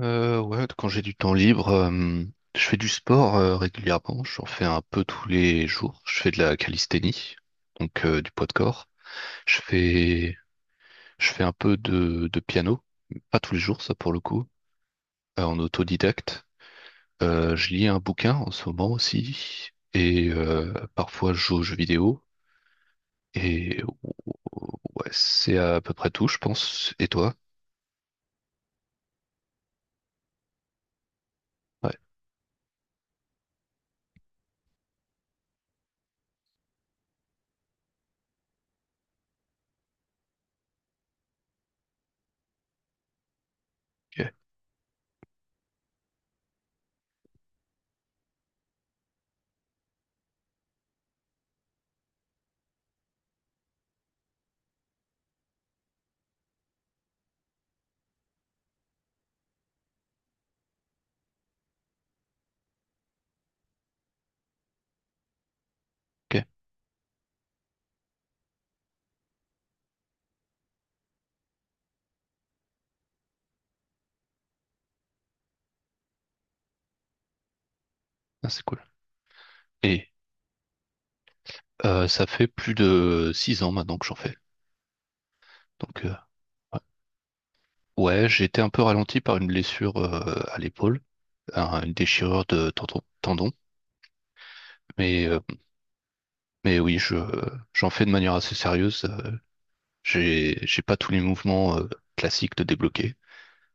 Ouais, Quand j'ai du temps libre, je fais du sport régulièrement. J'en fais un peu tous les jours. Je fais de la calisthénie, donc du poids de corps. Je fais, je fais un peu de piano, pas tous les jours, ça pour le coup, en autodidacte. Je lis un bouquin en ce moment aussi, et parfois je joue aux jeux vidéo. Et ouais, c'est à peu près tout, je pense. Et toi? Ouais, ok, ok. Ah, c'est cool. Et Ça fait plus de six ans maintenant que j'en fais. Donc, euh, ouais, ouais, j'ai été un peu ralenti par une blessure à l'épaule, une déchirure de tendon. Mais, euh, mais oui, j'en fais de manière assez sérieuse. J'ai pas tous les mouvements classiques de débloquer.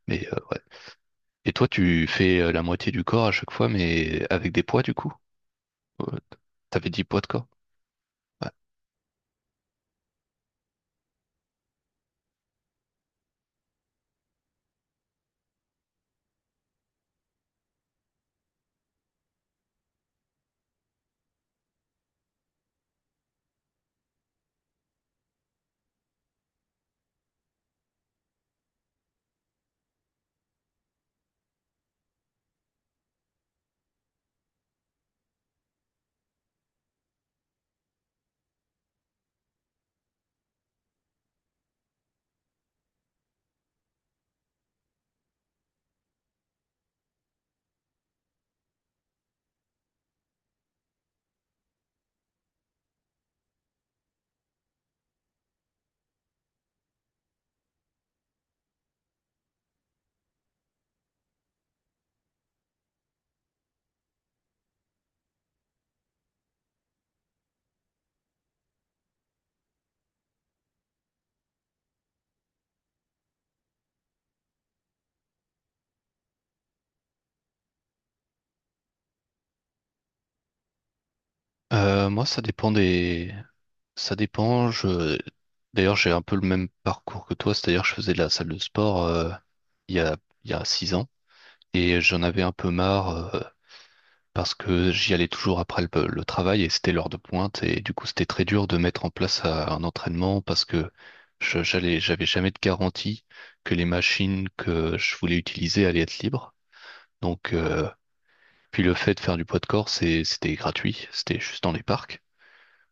Mais euh, ouais. Et toi, tu fais la moitié du corps à chaque fois, mais avec des poids du coup? Euh, T'avais dit poids de corps? Ouais. Moi, ça dépend des, Ça dépend. Je... D'ailleurs, j'ai un peu le même parcours que toi, c'est-à-dire que je faisais de la salle de sport il y a, il y a six ans et j'en avais un peu marre euh, parce que j'y allais toujours après le travail et c'était l'heure de pointe et du coup, c'était très dur de mettre en place un entraînement parce que j'avais jamais de garantie que les machines que je voulais utiliser allaient être libres. Donc, euh, Puis le fait de faire du poids de corps, c'était gratuit, c'était juste dans les parcs.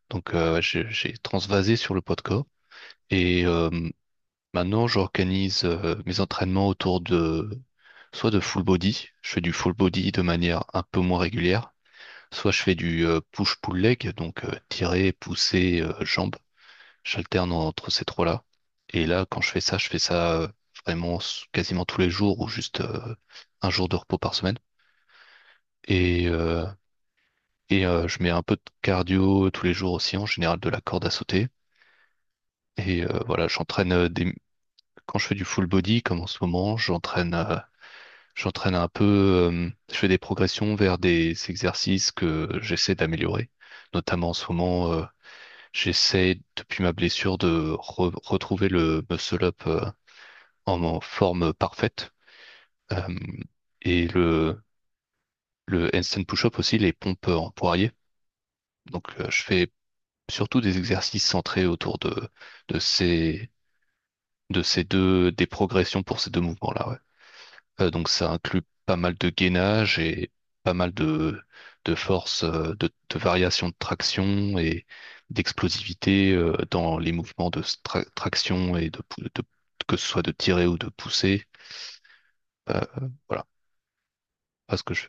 Donc, ouais, j'ai transvasé sur le poids de corps. Et euh, Maintenant, j'organise mes entraînements autour de soit de full body, je fais du full body de manière un peu moins régulière, soit je fais du push-pull leg, donc tirer, pousser, jambes. J'alterne entre ces trois-là. Et là, quand je fais ça vraiment quasiment tous les jours ou juste un jour de repos par semaine. Et, euh, je mets un peu de cardio tous les jours aussi, en général de la corde à sauter. Et voilà, j'entraîne des quand je fais du full body, comme en ce moment, j'entraîne un peu, je fais des progressions vers des exercices que j'essaie d'améliorer. Notamment en ce moment, j'essaie depuis ma blessure de retrouver le muscle up en forme parfaite. Euh, et le handstand push-up aussi, les pompes en poirier. Donc je fais surtout des exercices centrés autour de de ces de ces deux des progressions pour ces deux mouvements-là. Ouais. Donc ça inclut pas mal de gainage et pas mal de force, de variation de traction et d'explosivité dans les mouvements de traction et que ce soit de tirer ou de pousser. Euh, voilà, parce que je,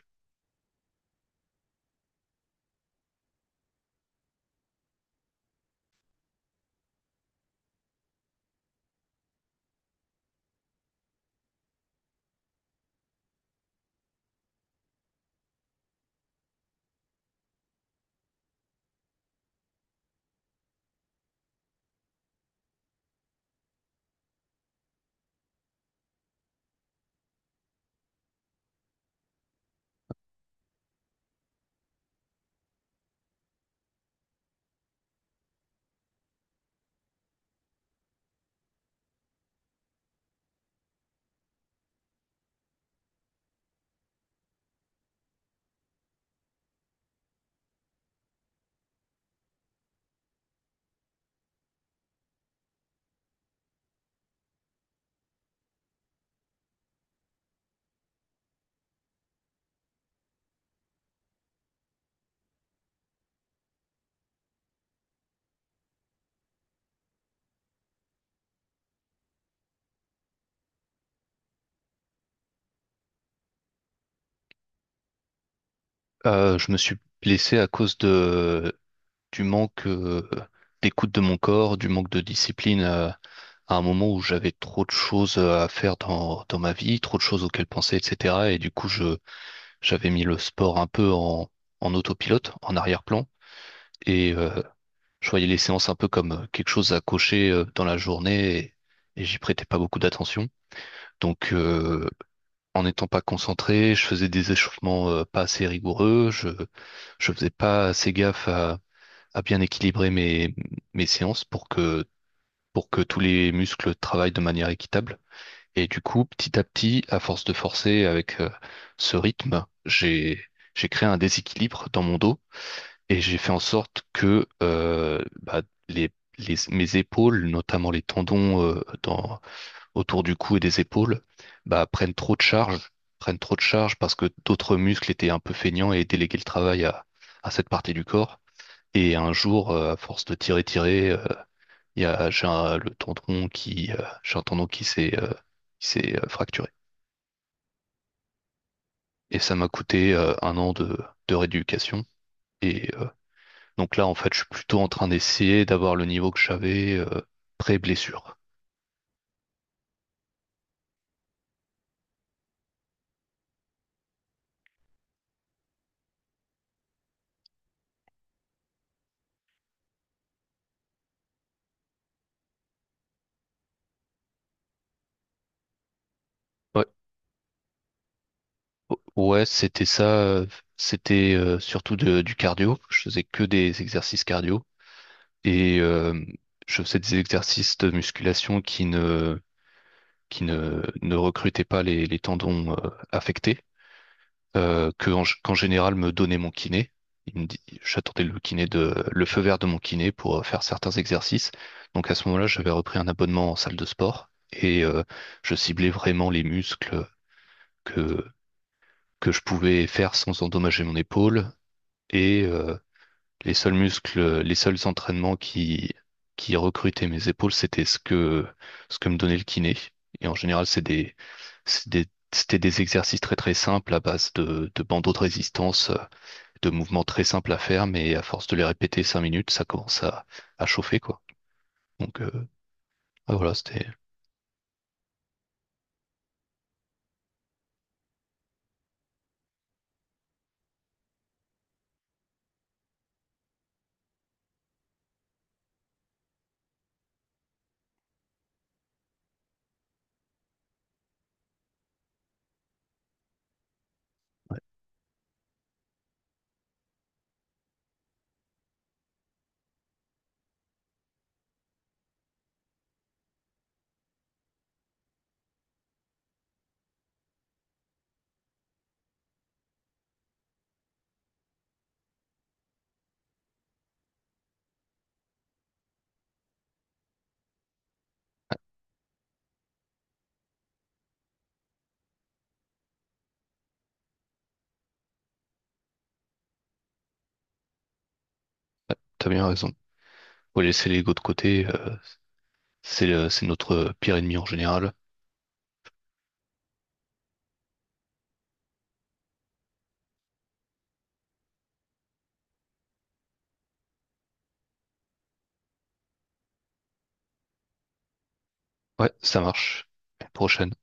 Je me suis blessé à cause de, du manque d'écoute de mon corps, du manque de discipline à un moment où j'avais trop de choses à faire dans ma vie, trop de choses auxquelles penser, etc. Et du coup, je J'avais mis le sport un peu en autopilote, en arrière-plan, et euh, je voyais les séances un peu comme quelque chose à cocher dans la journée, et j'y prêtais pas beaucoup d'attention. Donc, en n'étant pas concentré, je faisais des échauffements pas assez rigoureux, je faisais pas assez gaffe à bien équilibrer mes séances pour que tous les muscles travaillent de manière équitable. Et du coup, petit à petit, à force de forcer avec ce rythme, j'ai créé un déséquilibre dans mon dos et j'ai fait en sorte que les, mes épaules, notamment les tendons autour du cou et des épaules, prennent trop de charge. Parce que d'autres muscles étaient un peu feignants et déléguaient le travail à cette partie du corps. Et un jour, à force de tirer, il y a, j'ai un, le tendon qui, j'ai un tendon qui s'est fracturé, et ça m'a coûté un an de rééducation. Et euh, donc là, en fait, je suis plutôt en train d'essayer d'avoir le niveau que j'avais pré-blessure. Ouais, ouais, c'était ça. C'était surtout du cardio. Je faisais que des exercices cardio et je faisais des exercices de musculation qui ne recrutaient pas les tendons affectés. Qu'en général me donnait mon kiné. Il me dit, j'attendais le kiné le feu vert de mon kiné pour faire certains exercices. Donc à ce moment-là, j'avais repris un abonnement en salle de sport et je ciblais vraiment les muscles que, que je pouvais faire sans endommager mon épaule et les seuls muscles, les seuls entraînements qui recrutaient mes épaules, c'était ce ce que me donnait le kiné. Et en général, c'était des exercices très très simples à base de bandeaux de résistance de mouvements très simples à faire, mais à force de les répéter cinq minutes, ça commence à chauffer, quoi. Donc euh, ah, voilà, c'était, T'as bien raison. Faut laisser l'ego de côté, c'est notre pire ennemi en général. Ouais, ça marche. À la prochaine.